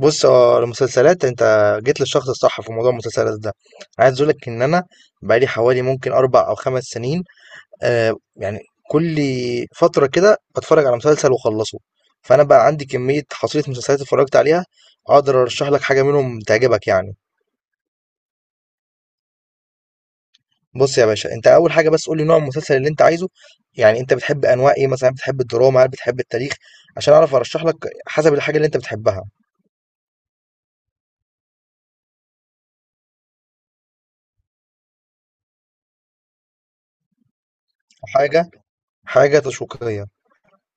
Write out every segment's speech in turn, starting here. بُص، هو المسلسلات أنت جيت للشخص الصح في موضوع المسلسلات ده. عايز أقول لك إن أنا بقى لي حوالي ممكن 4 أو 5 سنين. يعني كل فترة كده باتفرّج على مسلسل واخلّصه، فأنا بقى عندي كمية حصيلة مسلسلات اتفرّجت عليها، أقدر أرشّح لك حاجة منهم تعجبك يعني. بُص يا باشا، أنت أول حاجة بس قُل لي نوع المسلسل اللي أنت عايزه، يعني أنت بتحب أنواع إيه مثلًا، بتحب الدراما، هل بتحب التاريخ؟ عشان أعرف أرشّح لك حسب الحاجة اللي أنت بتحبها. حاجة حاجة تشويقية.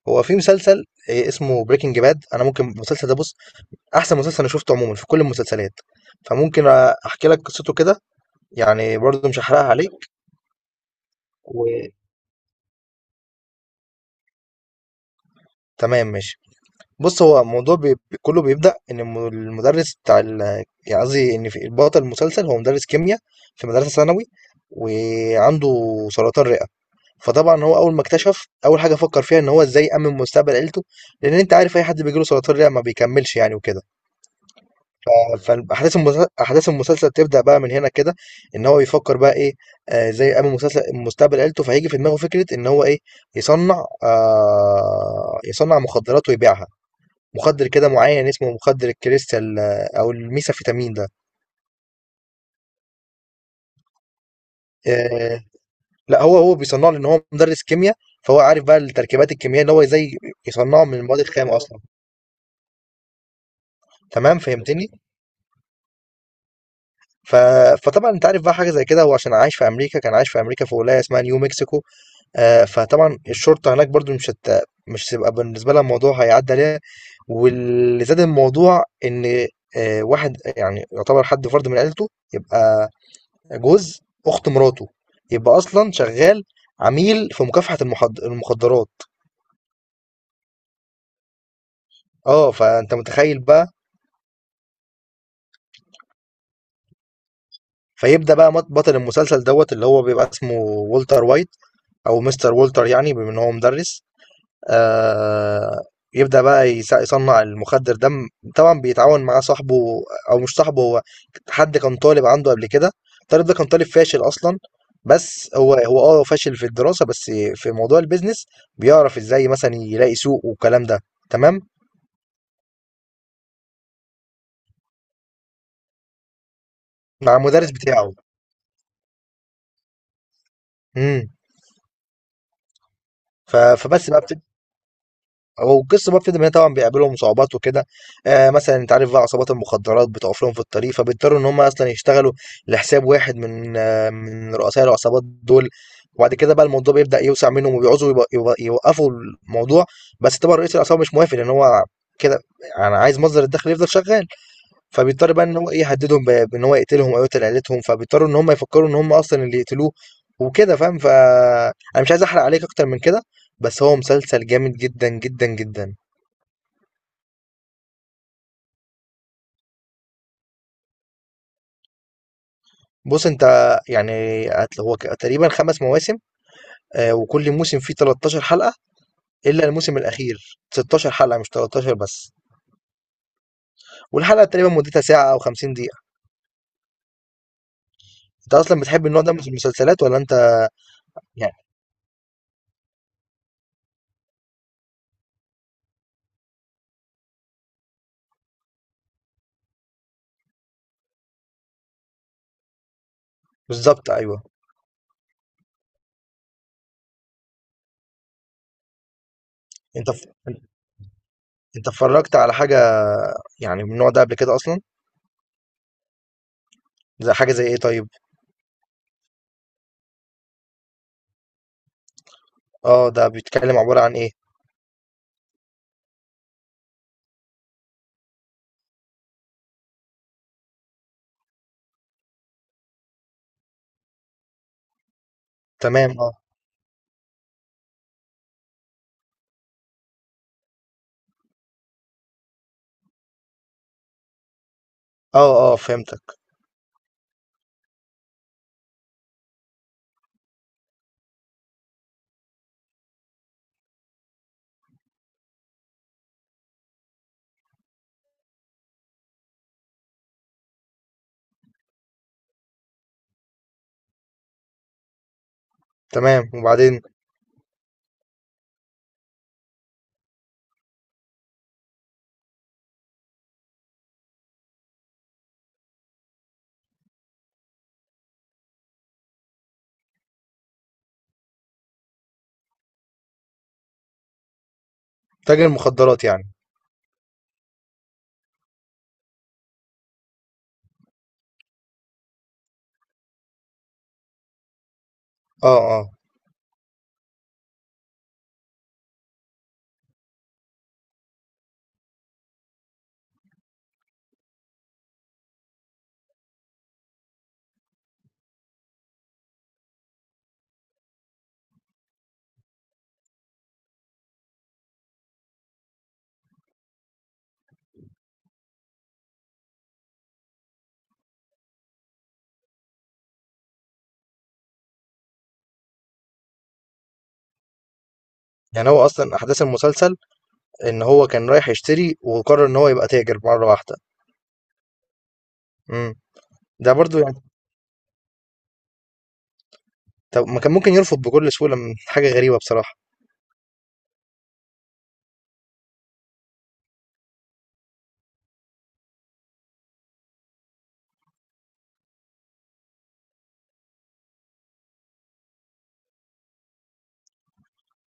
هو في مسلسل اسمه Breaking Bad، أنا ممكن المسلسل ده بُص، أحسن مسلسل أنا شُفته عمومًا في كل المسلسلات، فممكن أحكي لك قصته كده، يعني برضه مش هاحرقها عليك. و تمام ماشي. بُص، هو الموضوع كُلّه بيبدأ إن الم المدرس بتاع ال يعني قصدي إن في البطل المسلسل هو مدرس كيميا في مدرسة ثانوي وعنده سرطان رئة، فطبعًا هو أول ما اكتشف، أول حاجة فكّر فيها إن هو إزاي يأمِّن مستقبل عيلته، لإن أنت عارف أي حد بييجي له سرطان رئة ما بيكمّلش يعني وكده. فاحداث المسلسل احداث المسلسل تبدا بقى من هنا كده، ان هو يفكر بقى ايه. زي قبل مسلسل مستقبل عيلته، فهيجي في دماغه فكره ان هو ايه يصنع مخدرات ويبيعها، مخدر كده معين اسمه مخدر الكريستال، او الميثامفيتامين ده. آه لا، هو بيصنعه لان هو مدرس كيمياء، فهو عارف بقى التركيبات الكيميائيه ان هو ازاي يصنعه من المواد الخام اصلا. تمام فهمتني. ف... فطبعا انت عارف بقى حاجه زي كده، هو عشان عايش في امريكا كان عايش في امريكا في ولايه اسمها نيو مكسيكو. فطبعا الشرطة هناك برضو مش هتبقى بالنسبة لها الموضوع هيعدي عليها. واللي زاد الموضوع ان واحد يعني يعتبر حد فرد من عيلته، يبقى جوز اخت مراته، يبقى اصلا شغال عميل في مكافحة المخدرات. اه فانت متخيل بقى. فيبدأ بقى بطل المسلسل دوت اللي هو بيبقى اسمه والتر وايت، او مستر والتر يعني بما ان هو مدرس. آه، يبدأ بقى يصنع المخدر ده. طبعا بيتعاون مع صاحبه، او مش صاحبه، هو حد كان طالب عنده قبل كده. الطالب ده كان طالب فاشل اصلا، بس هو فاشل في الدراسة، بس في موضوع البيزنس بيعرف ازاي مثلا يلاقي سوق والكلام ده. تمام مع المدرس بتاعه. امم. فبس بقى، والقصة بقى بتبدأ من هنا. طبعا بيقابلهم صعوبات وكده، آه مثلا انت عارف بقى عصابات المخدرات بتقف لهم في الطريق، فبيضطروا ان هم اصلا يشتغلوا لحساب واحد من من رؤساء العصابات دول. وبعد كده بقى الموضوع بيبدأ يوسع منهم، وبيعوزوا يوقفوا الموضوع. بس طبعا رئيس العصابة مش موافق، لان هو كده، انا عايز مصدر الدخل يفضل شغال. فبيضطر بقى إن هو إيه، يهددهم بإن هو يقتلهم أو يقتل عيلتهم، فبيضطروا إن هم يفكروا إن هم أصلًا اللي يقتلوه وكده فاهم. فأنا مش عايز أحرق عليك أكتر من كده، بس هو مسلسل جامد جدًا، جدًا، جدًا. بُص أنت يعني هت هو ك تقريبًا 5 مواسم، وكل موسم فيه 13 حلقة، إلا الموسم الأخير 16 حلقة مش 13 بس، والحلقة تقريبًا مدتها ساعة أو 50 دقيقة. أنت أصلًا بتحب النوع ده من المسلسلات والّا أنت؟ يعني بالضبط أيوه. أنت ف أنت اتفرجت على حاجة يعني من النوع ده قبل كده أصلًا؟ زي حاجة زي إيه طيب؟ آه ده بيتكلم عبارة عن إيه؟ تمام آه. آه آه فهمتك. تمام وبعدين. تاجر مخدرات يعني. آه آه. يعني هو أصلا أحداث المسلسل إن هو كان رايح يشتري وقرر إن هو يبقى تاجر مرة واحدة. امم. ده برضو يعني، طب ما كان ممكن يرفض بكل سهولة، من حاجة غريبة بصراحة.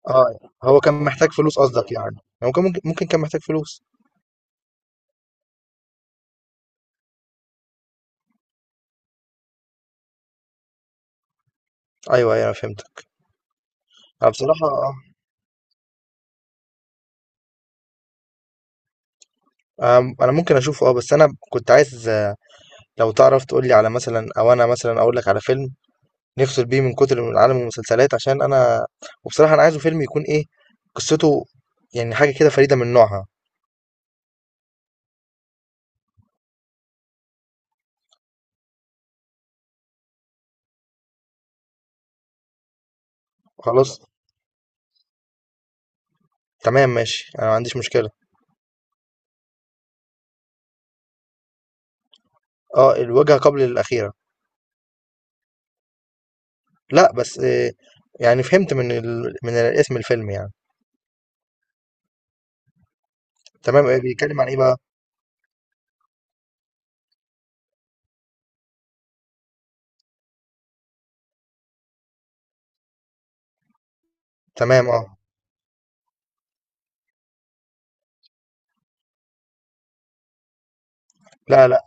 آه هو كان محتاج فلوس قصدك يعني، هو كان ممكن، كان محتاج فلوس. أيوه أيوه أنا فهمتك. أنا بصراحة آه، أنا ممكن أشوفه أه، بس أنا كنت عايز، لو تعرف تقول لي على مثلا، او انا مثلا اقول لك على فيلم نفصل بيه من كتر من عالم المسلسلات، عشان أنا وبصراحة أنا عايزه فيلم يكون إيه قصته، يعني حاجة كده فريدة من نوعها. خلاص تمام ماشي، أنا ما عنديش مشكلة. أه الوجهة قبل الأخيرة. لا بس يعني فهمت من اسم الفيلم يعني. تمام، إيه بيتكلم عن إيه بقى؟ تمام أه. لا لا،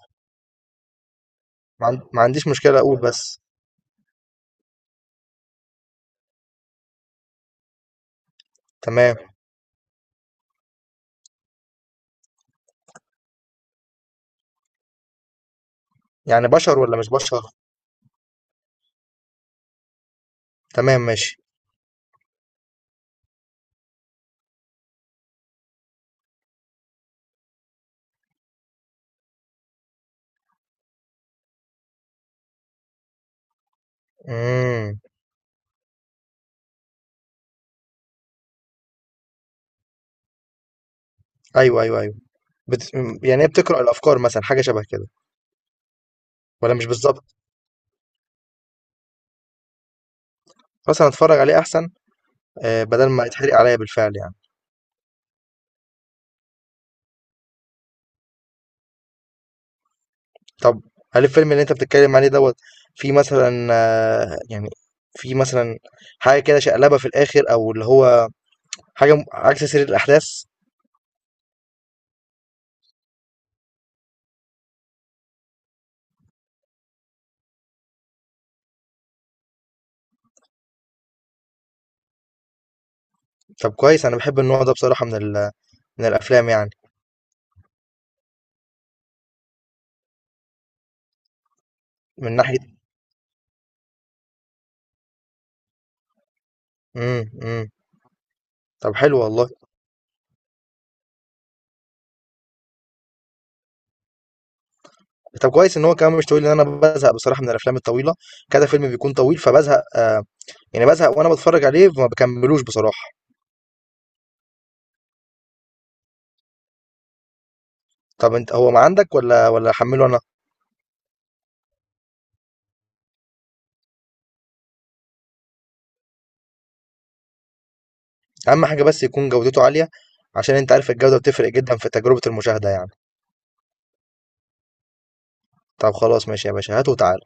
ما عنديش مشكلة أقول بس. تمام. يعني بشر ولا مش بشر؟ تمام ماشي. امم. ايوه ايوه ايوه. بت... يعني هي بتقرأ الافكار مثلا، حاجه شبه كده، ولا مش بالظبط؟ خلاص انا اتفرج عليه احسن، بدل ما يتحرق عليَّ بالفعل يعني. طب هل الفيلم اللي أنت بتتكلم عليه دوّة فيه مثلًا، يعني فيه مثلًا حاجة كده شقلبة في الآخر، أو اللي هو حاجة م عكس سير الأحداث؟ طب كويس، أنا باحب النوع ده بصراحة من الأفلام يعني، من ناحية، إمم، إمم. طب حلو والله. طب كويس إن هو كمان مش طويل، لإن أنا بازهق بصراحة من الأفلام الطويلة، كذا فيلم بيكون طويل فبازهق، يعني بازهق وأنا باتفرّج عليه فما باكمّلوش بصراحة. طب أنت هو ما عندك والّا أحمّله أنا؟ اهم حاجة بس يكون جودته عالية، عشان انت عارف الجودة بتفرق جدا في تجربة المشاهدة يعني. طب خلاص ماشي يا باشا، هات وتعال.